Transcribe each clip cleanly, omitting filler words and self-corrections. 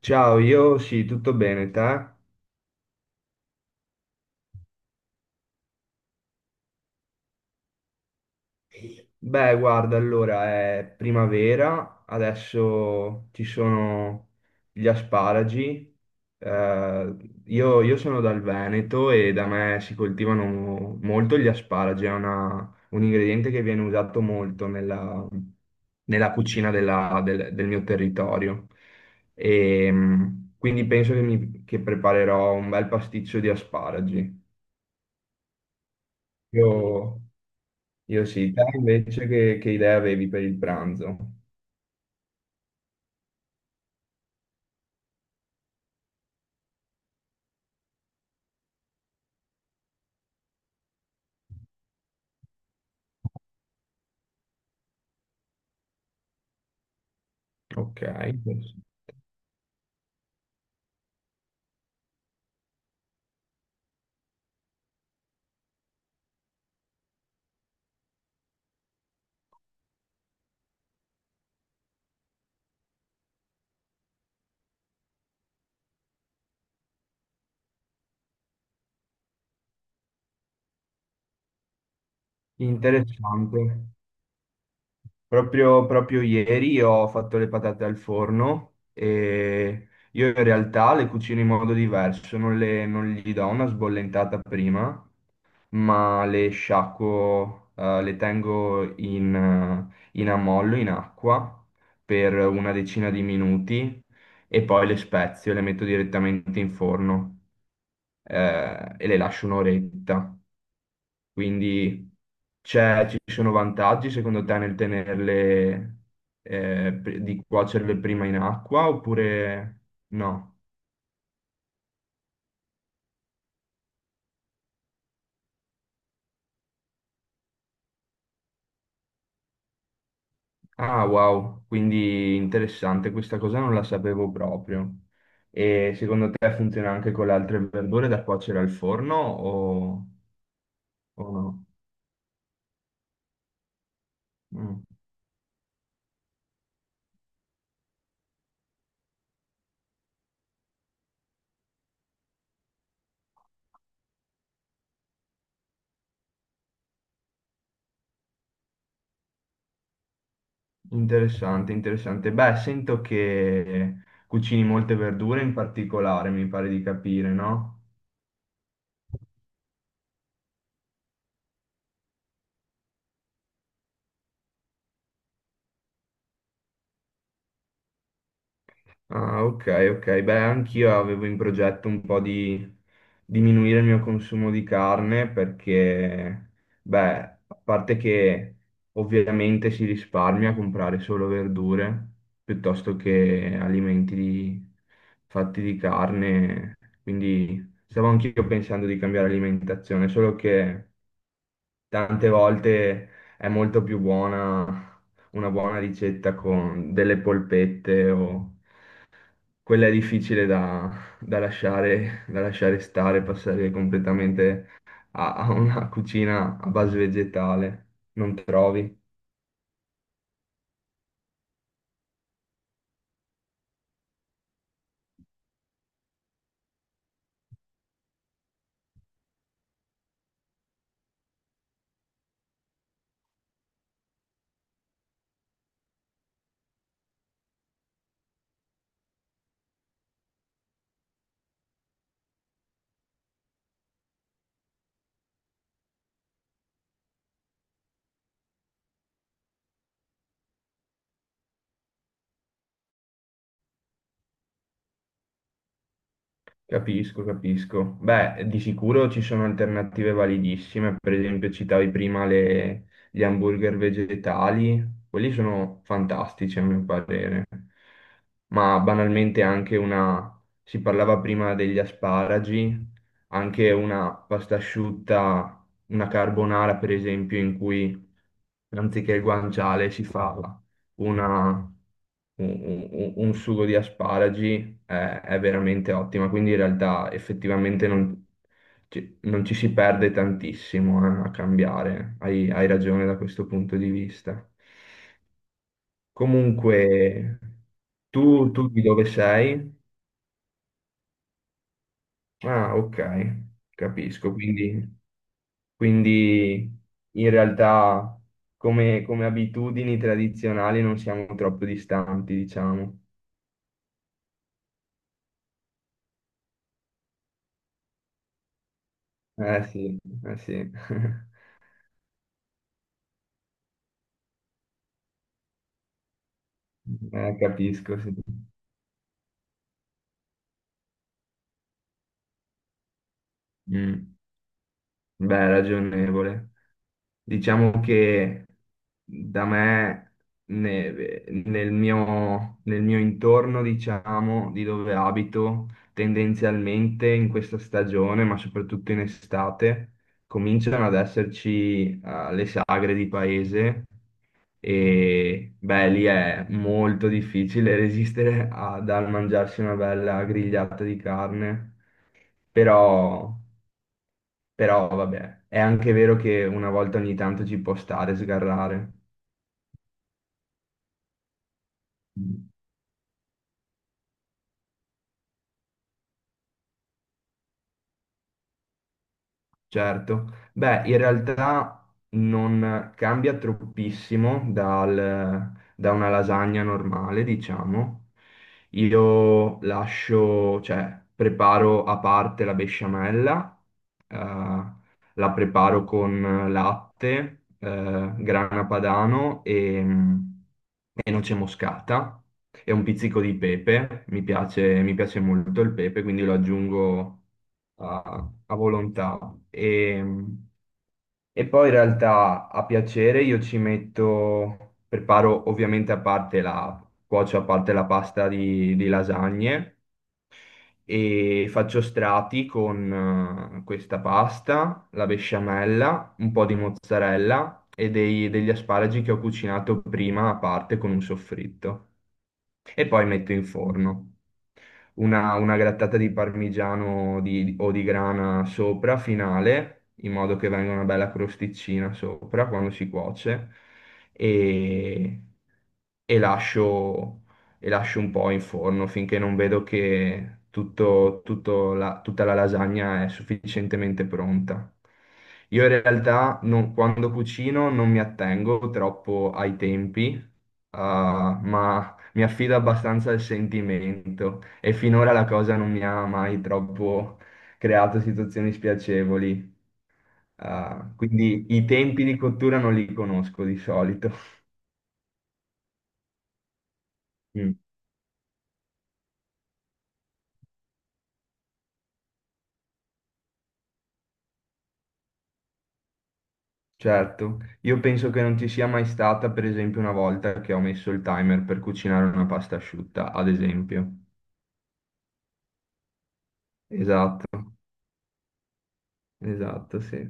Ciao, io sì, tutto bene, te? Beh, guarda, allora è primavera, adesso ci sono gli asparagi. Eh, io sono dal Veneto e da me si coltivano molto gli asparagi, è un ingrediente che viene usato molto nella cucina del mio territorio. E, quindi penso che che preparerò un bel pasticcio di asparagi. Io- Io sì, te invece che idea avevi per il pranzo? Ok, interessante. Proprio ieri ho fatto le patate al forno e io in realtà le cucino in modo diverso, non gli do una sbollentata prima, ma le sciacquo, le tengo in, in ammollo, in acqua, per una decina di minuti e poi le spezio e le metto direttamente in forno. E le lascio un'oretta. Quindi ci sono vantaggi secondo te nel tenerle, di cuocerle prima in acqua oppure no? Ah, wow, quindi interessante, questa cosa non la sapevo proprio. E secondo te funziona anche con le altre verdure da cuocere al forno o no? Mm. Interessante, interessante. Beh, sento che cucini molte verdure in particolare, mi pare di capire, no? Ah, ok, ok. Beh, anch'io avevo in progetto un po' di diminuire il mio consumo di carne perché, beh, a parte che ovviamente si risparmia a comprare solo verdure piuttosto che fatti di carne, quindi stavo anch'io pensando di cambiare alimentazione, solo che tante volte è molto più buona una buona ricetta con delle polpette o quella è difficile da lasciare stare, passare completamente a una cucina a base vegetale, non trovi? Capisco, capisco. Beh, di sicuro ci sono alternative validissime, per esempio citavi prima gli hamburger vegetali, quelli sono fantastici a mio parere, ma banalmente anche una, si parlava prima degli asparagi, anche una pasta asciutta, una carbonara per esempio, in cui anziché il guanciale si fa una- un, un sugo di asparagi è veramente ottima, quindi in realtà effettivamente non non ci si perde tantissimo, a cambiare, hai ragione da questo punto di vista. Comunque, tu di dove sei? Ah, ok, capisco, quindi in realtà come abitudini tradizionali non siamo troppo distanti, diciamo. Eh sì, eh sì, capisco, sì. Mm. Beh, ragionevole. Diciamo che da me, nel mio intorno, diciamo, di dove abito, tendenzialmente in questa stagione, ma soprattutto in estate, cominciano ad esserci, le sagre di paese. E beh, lì è molto difficile resistere a, dal mangiarsi una bella grigliata di carne, però, però vabbè, è anche vero che una volta ogni tanto ci può stare sgarrare. Certo, beh, in realtà non cambia troppissimo da una lasagna normale, diciamo. Io lascio, cioè, preparo a parte la besciamella, eh, la preparo con latte, grana padano e noce moscata e un pizzico di pepe. Mi piace molto il pepe, quindi lo aggiungo a volontà. E, e poi in realtà a piacere io ci metto, preparo ovviamente a parte la, cuocio a parte la pasta di lasagne e faccio strati con questa pasta, la besciamella, un po' di mozzarella e degli asparagi che ho cucinato prima a parte con un soffritto e poi metto in forno una grattata di parmigiano o di grana sopra, finale, in modo che venga una bella crosticina sopra quando si cuoce e, e lascio, e lascio un po' in forno finché non vedo che tutto, tutta la lasagna è sufficientemente pronta. Io in realtà quando cucino non mi attengo troppo ai tempi, ah, ma mi affido abbastanza al sentimento e finora la cosa non mi ha mai troppo creato situazioni spiacevoli. Ah, quindi i tempi di cottura non li conosco di solito. Mm, certo, io penso che non ci sia mai stata, per esempio, una volta che ho messo il timer per cucinare una pasta asciutta, ad esempio. Esatto, esatto, sì.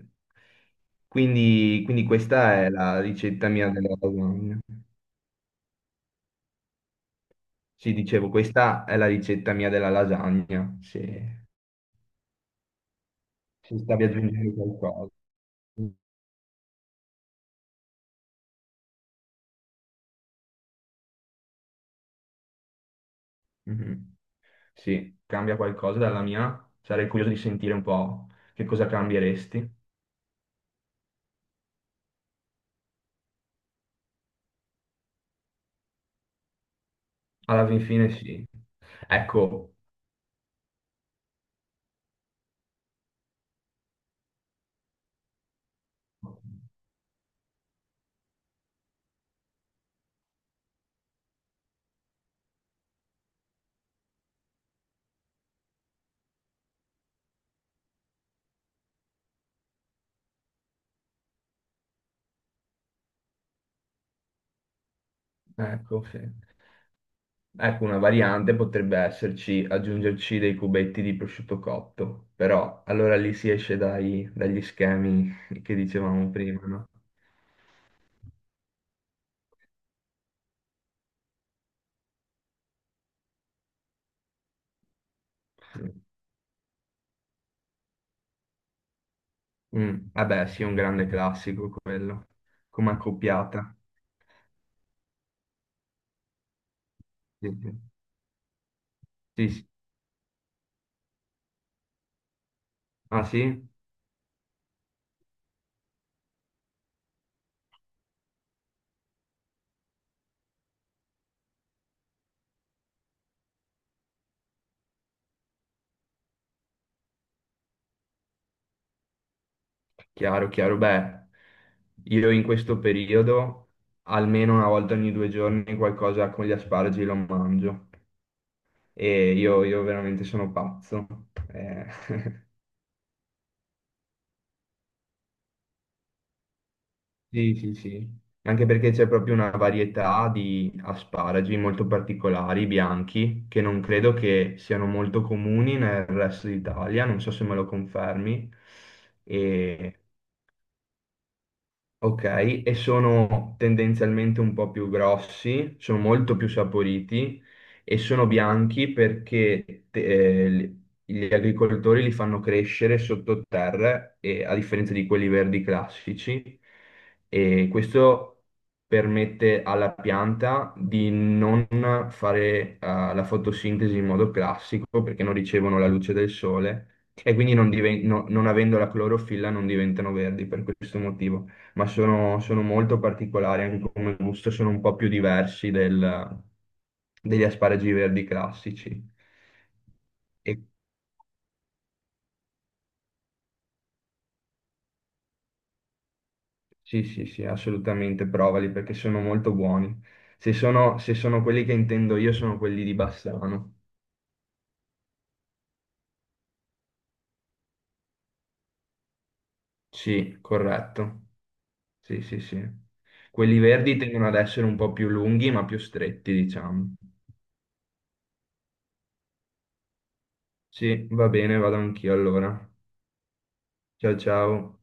Quindi questa è la ricetta mia della lasagna. Sì, dicevo, questa è la ricetta mia della lasagna, se stavi aggiungendo qualcosa. Mhm. Sì, cambia qualcosa dalla mia? Sarei curioso di sentire un po' che cosa cambieresti. Alla fin fine sì. Ecco, ecco, sì. Ecco, una variante potrebbe esserci aggiungerci dei cubetti di prosciutto cotto, però allora lì si esce dagli schemi che dicevamo prima, no? Sì. Mm, vabbè, sì, un grande classico quello, come accoppiata. Sì, sì. Sì, sì. Ah sì? Chiaro, chiaro. Beh, io in questo periodo almeno una volta ogni due giorni qualcosa con gli asparagi lo mangio io veramente sono pazzo. Eh, Sì, sì, sì. Anche perché c'è proprio una varietà di asparagi molto particolari, bianchi, che non credo che siano molto comuni nel resto d'Italia, non so se me lo confermi. E ok, e sono tendenzialmente un po' più grossi, sono molto più saporiti e sono bianchi perché gli agricoltori li fanno crescere sottoterra, e, a differenza di quelli verdi classici, e questo permette alla pianta di non fare la fotosintesi in modo classico perché non ricevono la luce del sole e quindi non diven- no- non avendo la clorofilla non diventano verdi per questo motivo ma sono molto particolari, anche come gusto sono un po' più diversi degli asparagi verdi classici. E- sì, sì, sì, assolutamente, provali perché sono molto buoni. Se sono quelli che intendo io, sono quelli di Bassano. Sì, corretto. Sì, sì, sì. Quelli verdi tendono ad essere un po' più lunghi, ma più stretti, diciamo. Sì, va bene, vado anch'io allora. Ciao, ciao.